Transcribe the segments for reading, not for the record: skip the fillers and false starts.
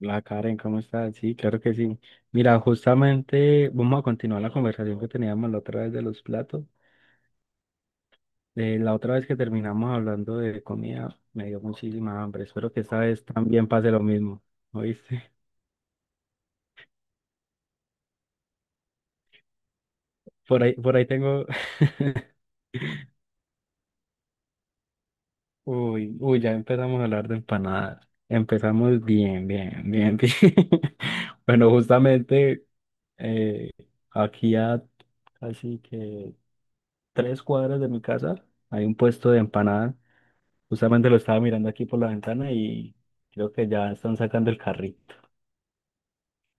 La Karen, ¿cómo estás? Sí, claro que sí. Mira, justamente vamos a continuar la conversación que teníamos la otra vez de los platos. La otra vez que terminamos hablando de comida, me dio muchísima hambre. Espero que esta vez también pase lo mismo. ¿Oíste? Por ahí tengo. Uy, uy, ya empezamos a hablar de empanadas. Empezamos bien, bien, bien, bien. Bueno, justamente eh, aquí a casi que 3 cuadras de mi casa hay un puesto de empanadas. Justamente lo estaba mirando aquí por la ventana y creo que ya están sacando el carrito.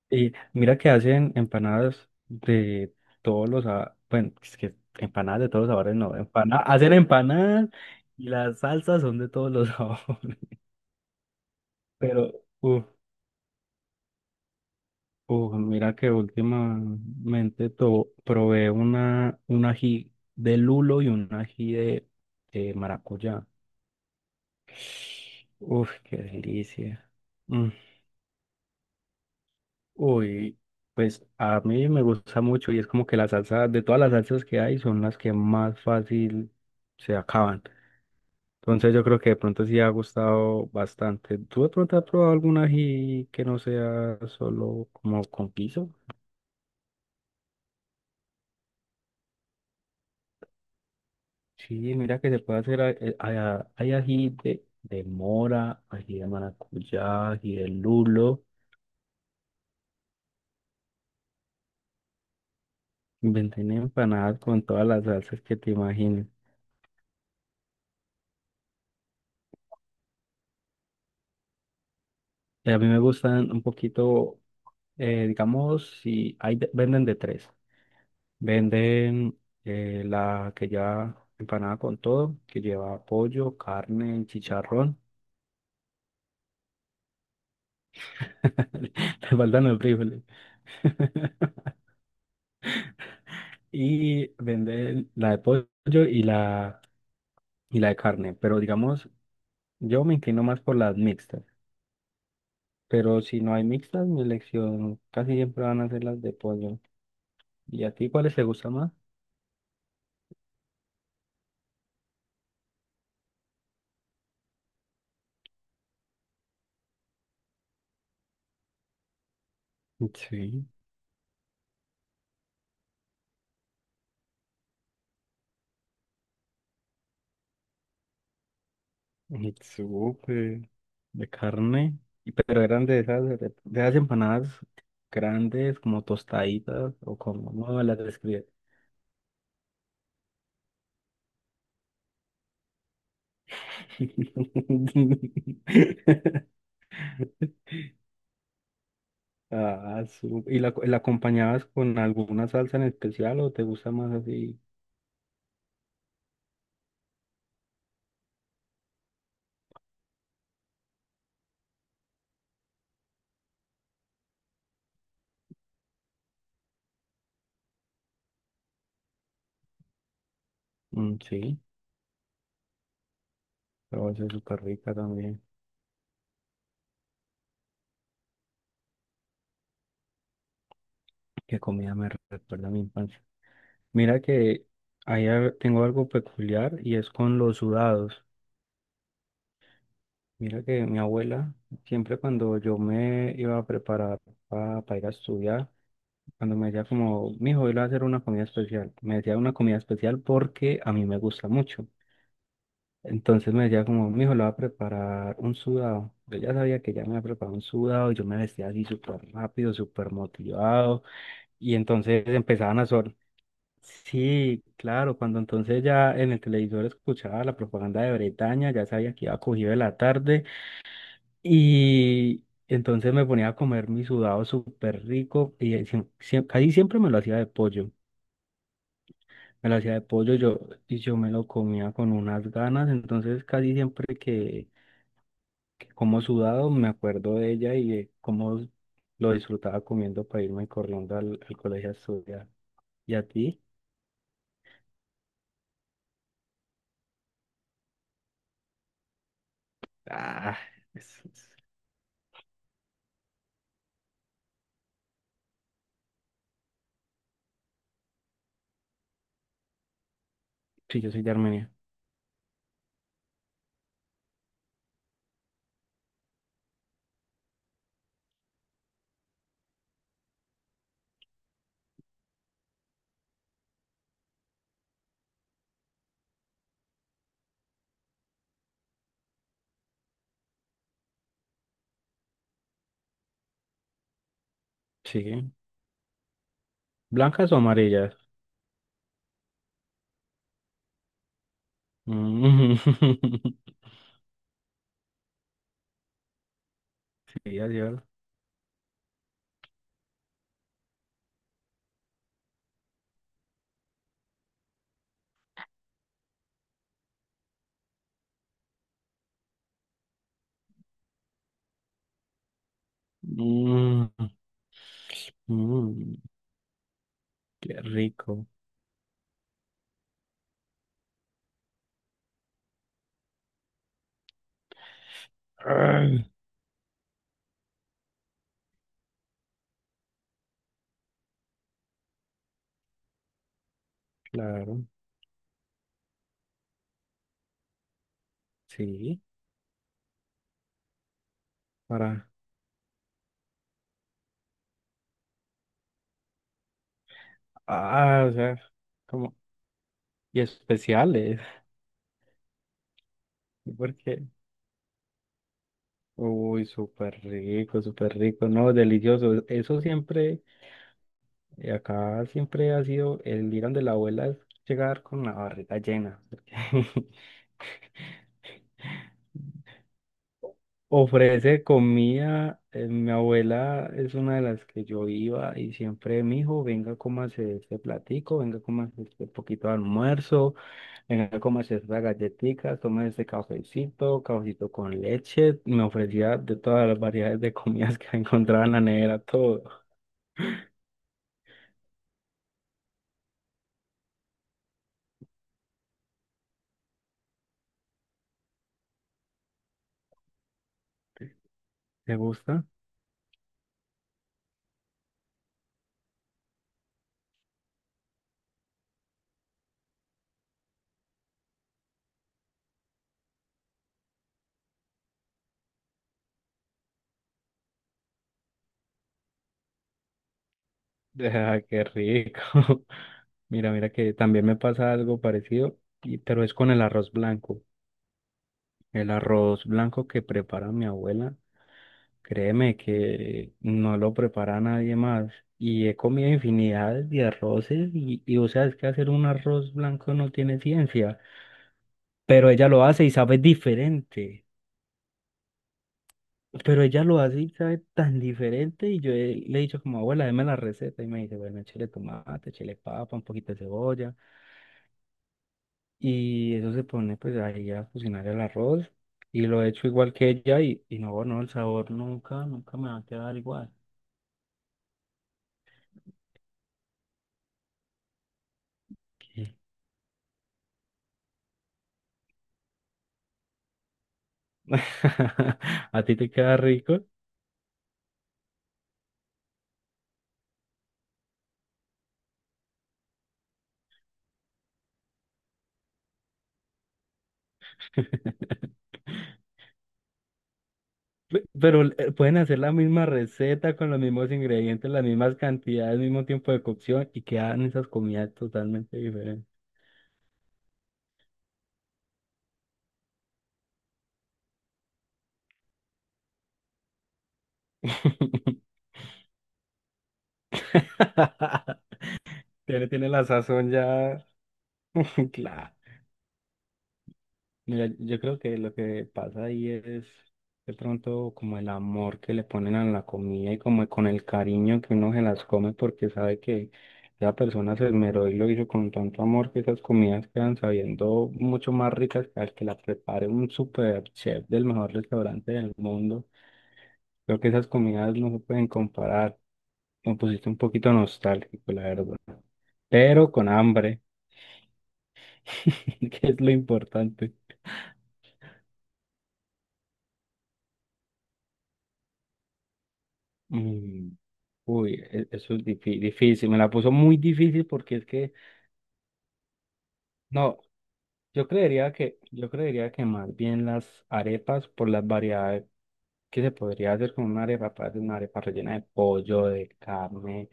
Y mira que hacen empanadas de bueno, es que empanadas de todos los sabores no, empana hacen empanadas y las salsas son de todos los sabores. Pero, uff, mira que últimamente probé un ají de lulo y un ají de maracuyá. Uff, qué delicia. Mm. Uy, pues a mí me gusta mucho y es como que la salsa, de todas las salsas que hay, son las que más fácil se acaban. Entonces yo creo que de pronto sí ha gustado bastante. ¿Tú de pronto has probado algún ají que no sea solo como con guiso? Sí, mira que se puede hacer, hay ají de mora, ají de maracuyá, ají de lulo. Inventé empanadas con todas las salsas que te imagines. Y a mí me gustan un poquito. Digamos, si hay, de- venden de tres. Venden la que lleva empanada con todo, que lleva pollo, carne, chicharrón. Le faltan los frijoles. Y venden la de pollo y y la de carne. Pero digamos, yo me inclino más por las mixtas. Pero si no hay mixtas, mi elección casi siempre van a ser las de pollo. ¿Y a ti cuáles te gustan más? Sí, súper. De carne, y- pero eran de esas, de esas empanadas grandes, como tostaditas, o como, no, las describí. Ah, ¿Y la acompañabas con alguna salsa en especial o te gusta más así? Mm, sí, pero va a ser súper rica también. Qué comida me recuerda a mi infancia. Mira que tengo algo peculiar y es con los sudados. Mira que mi abuela, siempre cuando yo me iba a preparar para ir a estudiar, cuando me decía como, mi hijo, iba a hacer una comida especial, me decía una comida especial porque a mí me gusta mucho. Entonces me decía como, mi hijo, le va a preparar un sudado. Yo ya sabía que ya me había preparado un sudado y yo me vestía así súper rápido, súper motivado. Y entonces empezaban a sonar. Sí, claro, cuando entonces ya en el televisor escuchaba la propaganda de Bretaña, ya sabía que iba cogido de la tarde. Y entonces me ponía a comer mi sudado súper rico y casi siempre me lo hacía de pollo. Me lo hacía de pollo yo, y yo me lo comía con unas ganas. Entonces casi siempre que como sudado me acuerdo de ella y de cómo lo disfrutaba comiendo para irme corriendo al, al colegio a estudiar. ¿Y a ti? Ah, es- es- sí, yo soy de Armenia. Sí. ¿Blancas o amarillas? Mm. Sí, así es. Mm, mm. Qué rico. Ay, claro, sí, para. Ah, o sea, como. Y especiales. Porque. Uy, súper rico, súper rico. No, delicioso. Eso siempre, acá siempre ha sido el ir de la abuela es llegar con la barriga llena, porque ofrece comida. Mi abuela es una de las que yo iba y siempre, mi hijo, venga, cómase este platico, venga, cómase este poquito de almuerzo. Venga, cómase esa galletica, tome ese cafecito, cafecito con leche. Me ofrecía de todas las variedades de comidas que encontraba en la nevera, todo. ¿Te gusta? Ah, qué rico. Mira, mira que también me pasa algo parecido, pero es con el arroz blanco. El arroz blanco que prepara mi abuela, créeme que no lo prepara nadie más. Y he comido infinidad de arroces y o sea, es que hacer un arroz blanco no tiene ciencia. Pero ella lo hace y sabe diferente. Pero ella lo hace y sabe tan diferente. Y yo le he dicho como, abuela, deme la receta. Y me dice, bueno, chile de tomate, chile de papa, un poquito de cebolla. Y eso se pone pues ahí a cocinar el arroz. Y lo he hecho igual que ella y no, no, el sabor nunca, nunca me va a quedar igual. ¿Qué? ¿A ti te queda rico? Pero pueden hacer la misma receta con los mismos ingredientes, las mismas cantidades, el mismo tiempo de cocción y quedan esas comidas totalmente diferentes. Tiene, tiene la sazón ya. Claro. Mira, yo creo que lo que pasa ahí es de pronto como el amor que le ponen a la comida y como con el cariño que uno se las come porque sabe que esa persona se esmeró y lo hizo con tanto amor que esas comidas quedan sabiendo mucho más ricas que al que las prepare un super chef del mejor restaurante del mundo. Creo que esas comidas no se pueden comparar. Me pusiste un poquito nostálgico, la verdad. Pero con hambre, que es lo importante. Mm. Uy, difícil, me la puso muy difícil porque es que, no, yo creería que más bien las arepas por las variedades que se podría hacer con una arepa, puede ser una arepa rellena de pollo, de carne,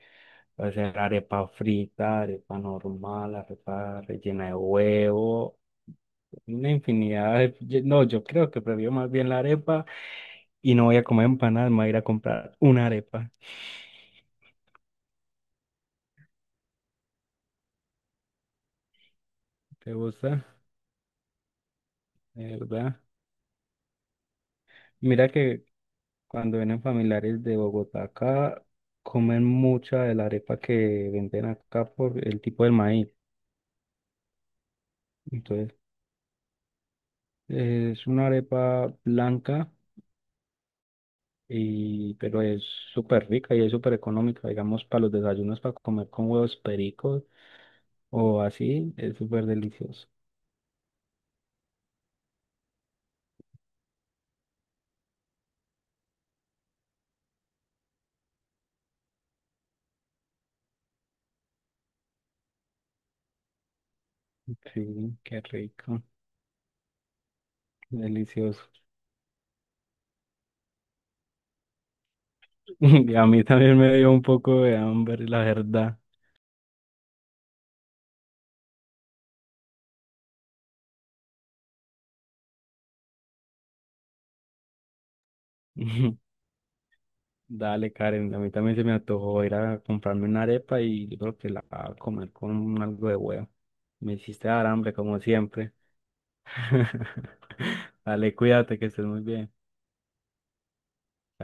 puede ser arepa frita, arepa normal, arepa rellena de huevo, una infinidad de, no, yo creo que prefiero más bien la arepa y no voy a comer empanadas, me voy a ir a comprar una arepa. ¿Te gusta? De verdad. Mira que cuando vienen familiares de Bogotá acá, comen mucha de la arepa que venden acá por el tipo del maíz. Entonces, es una arepa blanca, y, pero es súper rica y es súper económica. Digamos, para los desayunos, para comer con huevos pericos o así, es súper delicioso. Sí, qué rico, delicioso. Y a mí también me dio un poco de hambre, la verdad. Dale, Karen, a mí también se me antojó ir a comprarme una arepa y yo creo que la voy a comer con algo de huevo. Me hiciste dar hambre como siempre. Dale, cuídate, que estés muy bien.